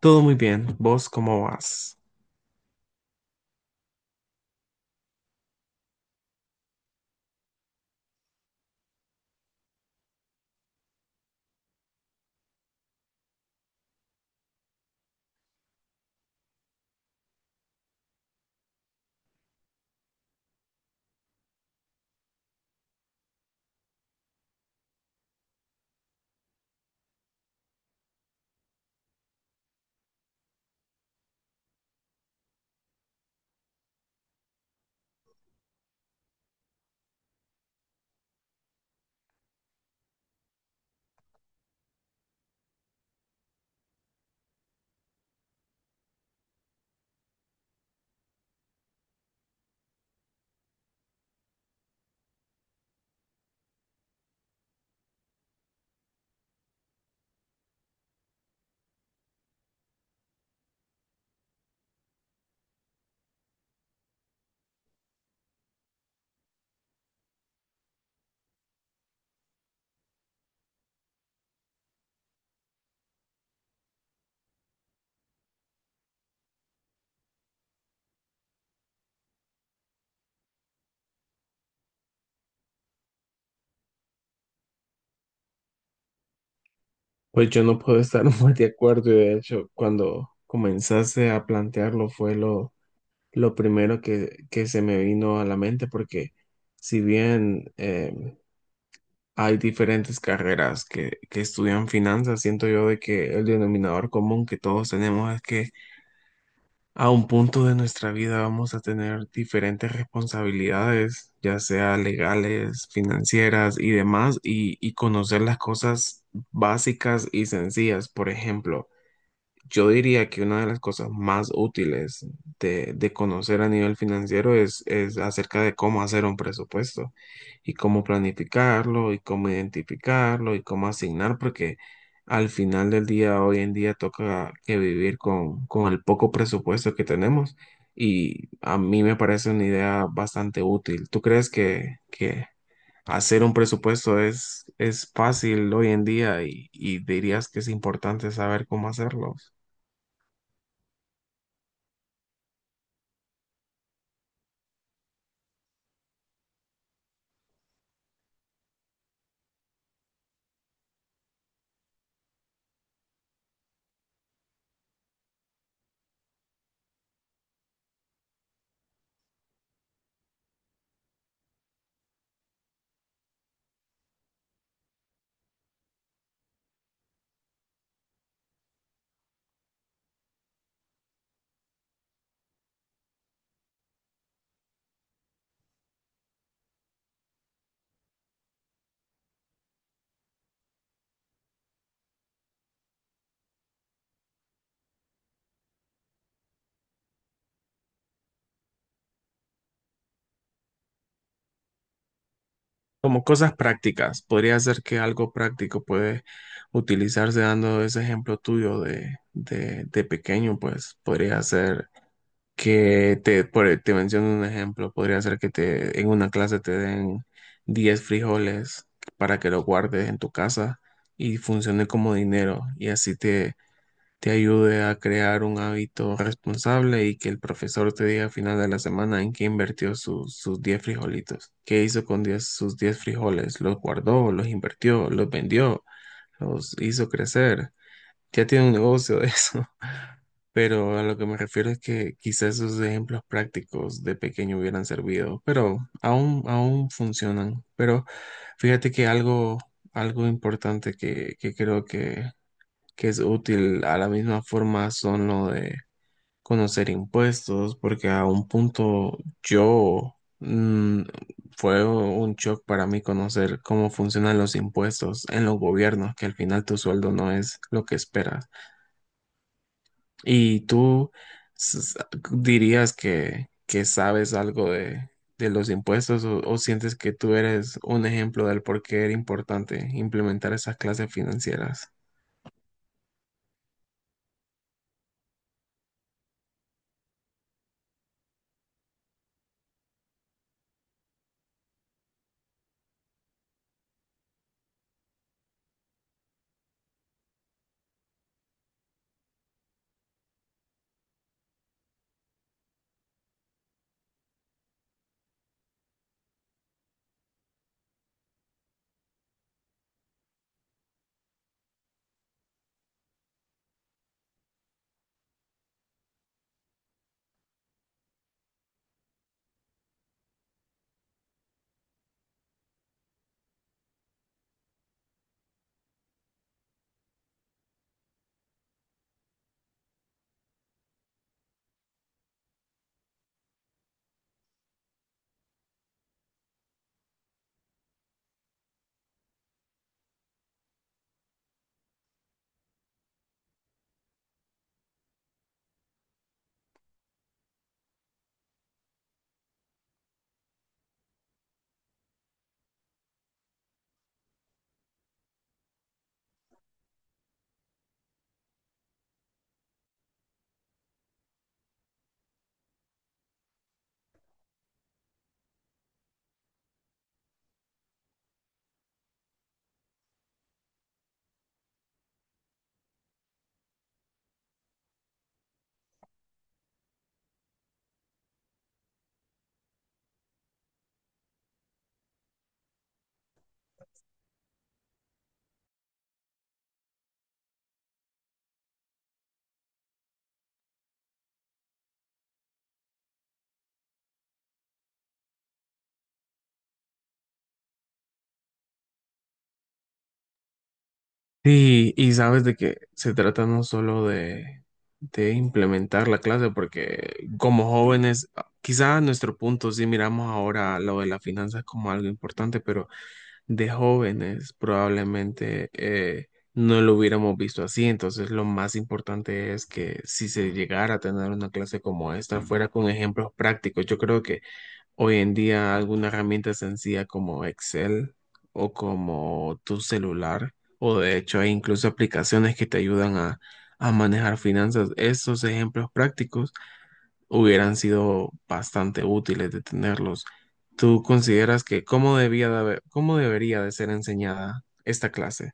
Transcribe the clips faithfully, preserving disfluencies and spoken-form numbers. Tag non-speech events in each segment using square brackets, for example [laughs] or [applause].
Todo muy bien. ¿Vos cómo vas? Pues yo no puedo estar [laughs] más de acuerdo, y de hecho, cuando comenzaste a plantearlo fue lo, lo primero que, que se me vino a la mente, porque si bien em, hay diferentes carreras que, que estudian finanzas, siento yo de que el denominador común que todos tenemos es que a un punto de nuestra vida vamos a tener diferentes responsabilidades, ya sea legales, financieras y demás, y, y conocer las cosas básicas y sencillas. Por ejemplo, yo diría que una de las cosas más útiles de, de conocer a nivel financiero es, es acerca de cómo hacer un presupuesto, y cómo planificarlo, y cómo identificarlo, y cómo asignar, porque al final del día, hoy en día, toca que vivir con, con el poco presupuesto que tenemos, y a mí me parece una idea bastante útil. ¿Tú crees que, que hacer un presupuesto es, es fácil hoy en día y, y dirías que es importante saber cómo hacerlo? Como cosas prácticas, podría ser que algo práctico puede utilizarse dando ese ejemplo tuyo de, de, de pequeño. Pues podría ser que te, por- te menciono un ejemplo, podría ser que te, en una clase te den diez frijoles para que lo guardes en tu casa y funcione como dinero, y así te, te ayude a crear un hábito responsable, y que el profesor te diga al final de la semana en qué invirtió su- sus diez frijolitos. ¿Qué hizo con diez sus diez frijoles? ¿Los guardó, los invirtió, los vendió, los hizo crecer? Ya tiene un negocio de eso. [laughs] Pero a lo que me refiero es que quizás esos ejemplos prácticos de pequeño hubieran servido, pero aún, aún funcionan. Pero fíjate que algo, algo importante que, que creo que que es útil. A la misma forma son lo de conocer impuestos, porque a un punto yo mm, fue un shock para mí conocer cómo funcionan los impuestos en los gobiernos, que al final tu sueldo no es lo que esperas. Y tú s- s- dirías que, que sabes algo de, de los impuestos, o, o sientes que tú eres un ejemplo del por qué era importante implementar esas clases financieras. Sí, y sabes de que se trata no solo de, de implementar la clase, porque como jóvenes, quizá a nuestro punto sí miramos ahora lo de las finanzas como algo importante, pero de jóvenes probablemente eh, no lo hubiéramos visto así. Entonces, lo más importante es que si se llegara a tener una clase como esta, fuera con ejemplos prácticos. Yo creo que hoy en día alguna herramienta sencilla como Excel, o como tu celular, o de hecho hay incluso aplicaciones que te ayudan a, a manejar finanzas. Estos ejemplos prácticos hubieran sido bastante útiles de tenerlos. ¿Tú consideras que cómo debía de haber- cómo debería de ser enseñada esta clase?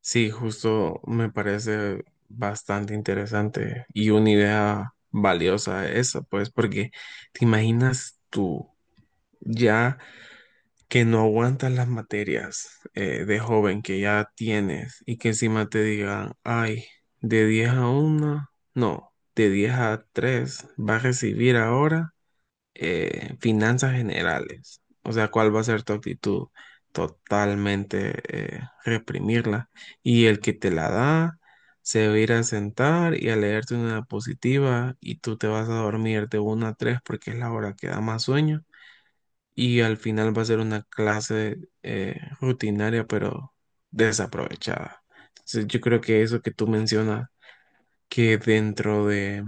Sí, justo me parece bastante interesante y una idea valiosa esa, pues, porque te imaginas tú ya que no aguantas las materias eh, de joven que ya tienes, y que encima te digan, ay, de diez a una, no, de diez a tres, vas a recibir ahora eh, finanzas generales. O sea, ¿cuál va a ser tu actitud? Totalmente eh, reprimirla. Y el que te la da se va a ir a sentar y a leerte una diapositiva, y tú te vas a dormir de una a tres porque es la hora que da más sueño. Y al final va a ser una clase eh, rutinaria pero desaprovechada. Entonces, yo creo que eso que tú mencionas, que dentro de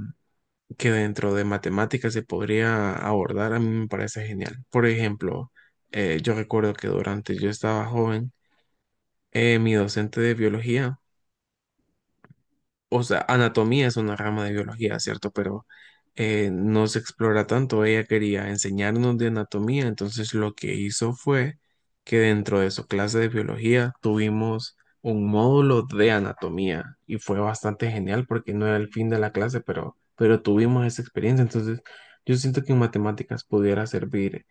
que dentro de matemáticas se podría abordar, a mí me parece genial. Por ejemplo, eh, yo recuerdo que durante yo estaba joven, eh, mi docente de biología, o sea, anatomía es una rama de biología, ¿cierto? Pero eh, no se explora tanto. Ella quería enseñarnos de anatomía, entonces lo que hizo fue que dentro de su clase de biología tuvimos un módulo de anatomía, y fue bastante genial porque no era el fin de la clase, pero, pero tuvimos esa experiencia. Entonces, yo siento que en matemáticas pudiera servir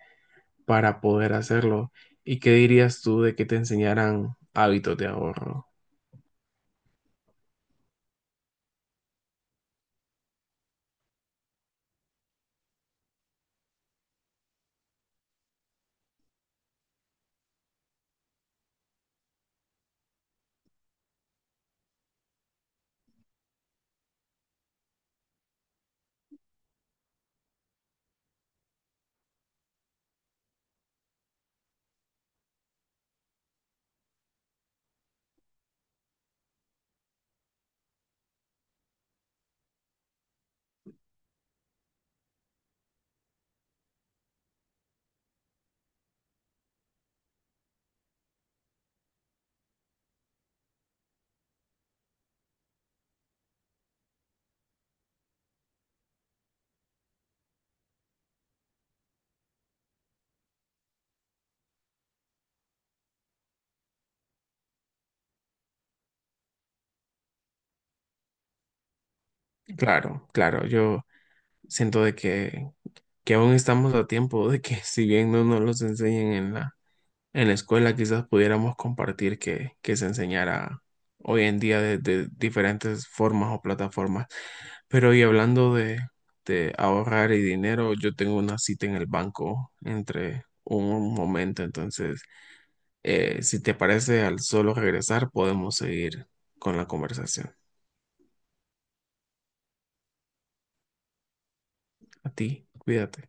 para poder hacerlo. ¿Y qué dirías tú de que te enseñaran hábitos de ahorro? Claro, claro, yo siento de que que aún estamos a tiempo de que [laughs] si bien no nos los enseñen en la, en la escuela, quizás pudiéramos compartir que, que se enseñara hoy en día de, de diferentes formas o plataformas. Pero y hablando de, de ahorrar y dinero, yo tengo una cita en el banco entre un momento, entonces, eh, si te parece, al solo regresar podemos seguir con la conversación. A ti, cuídate.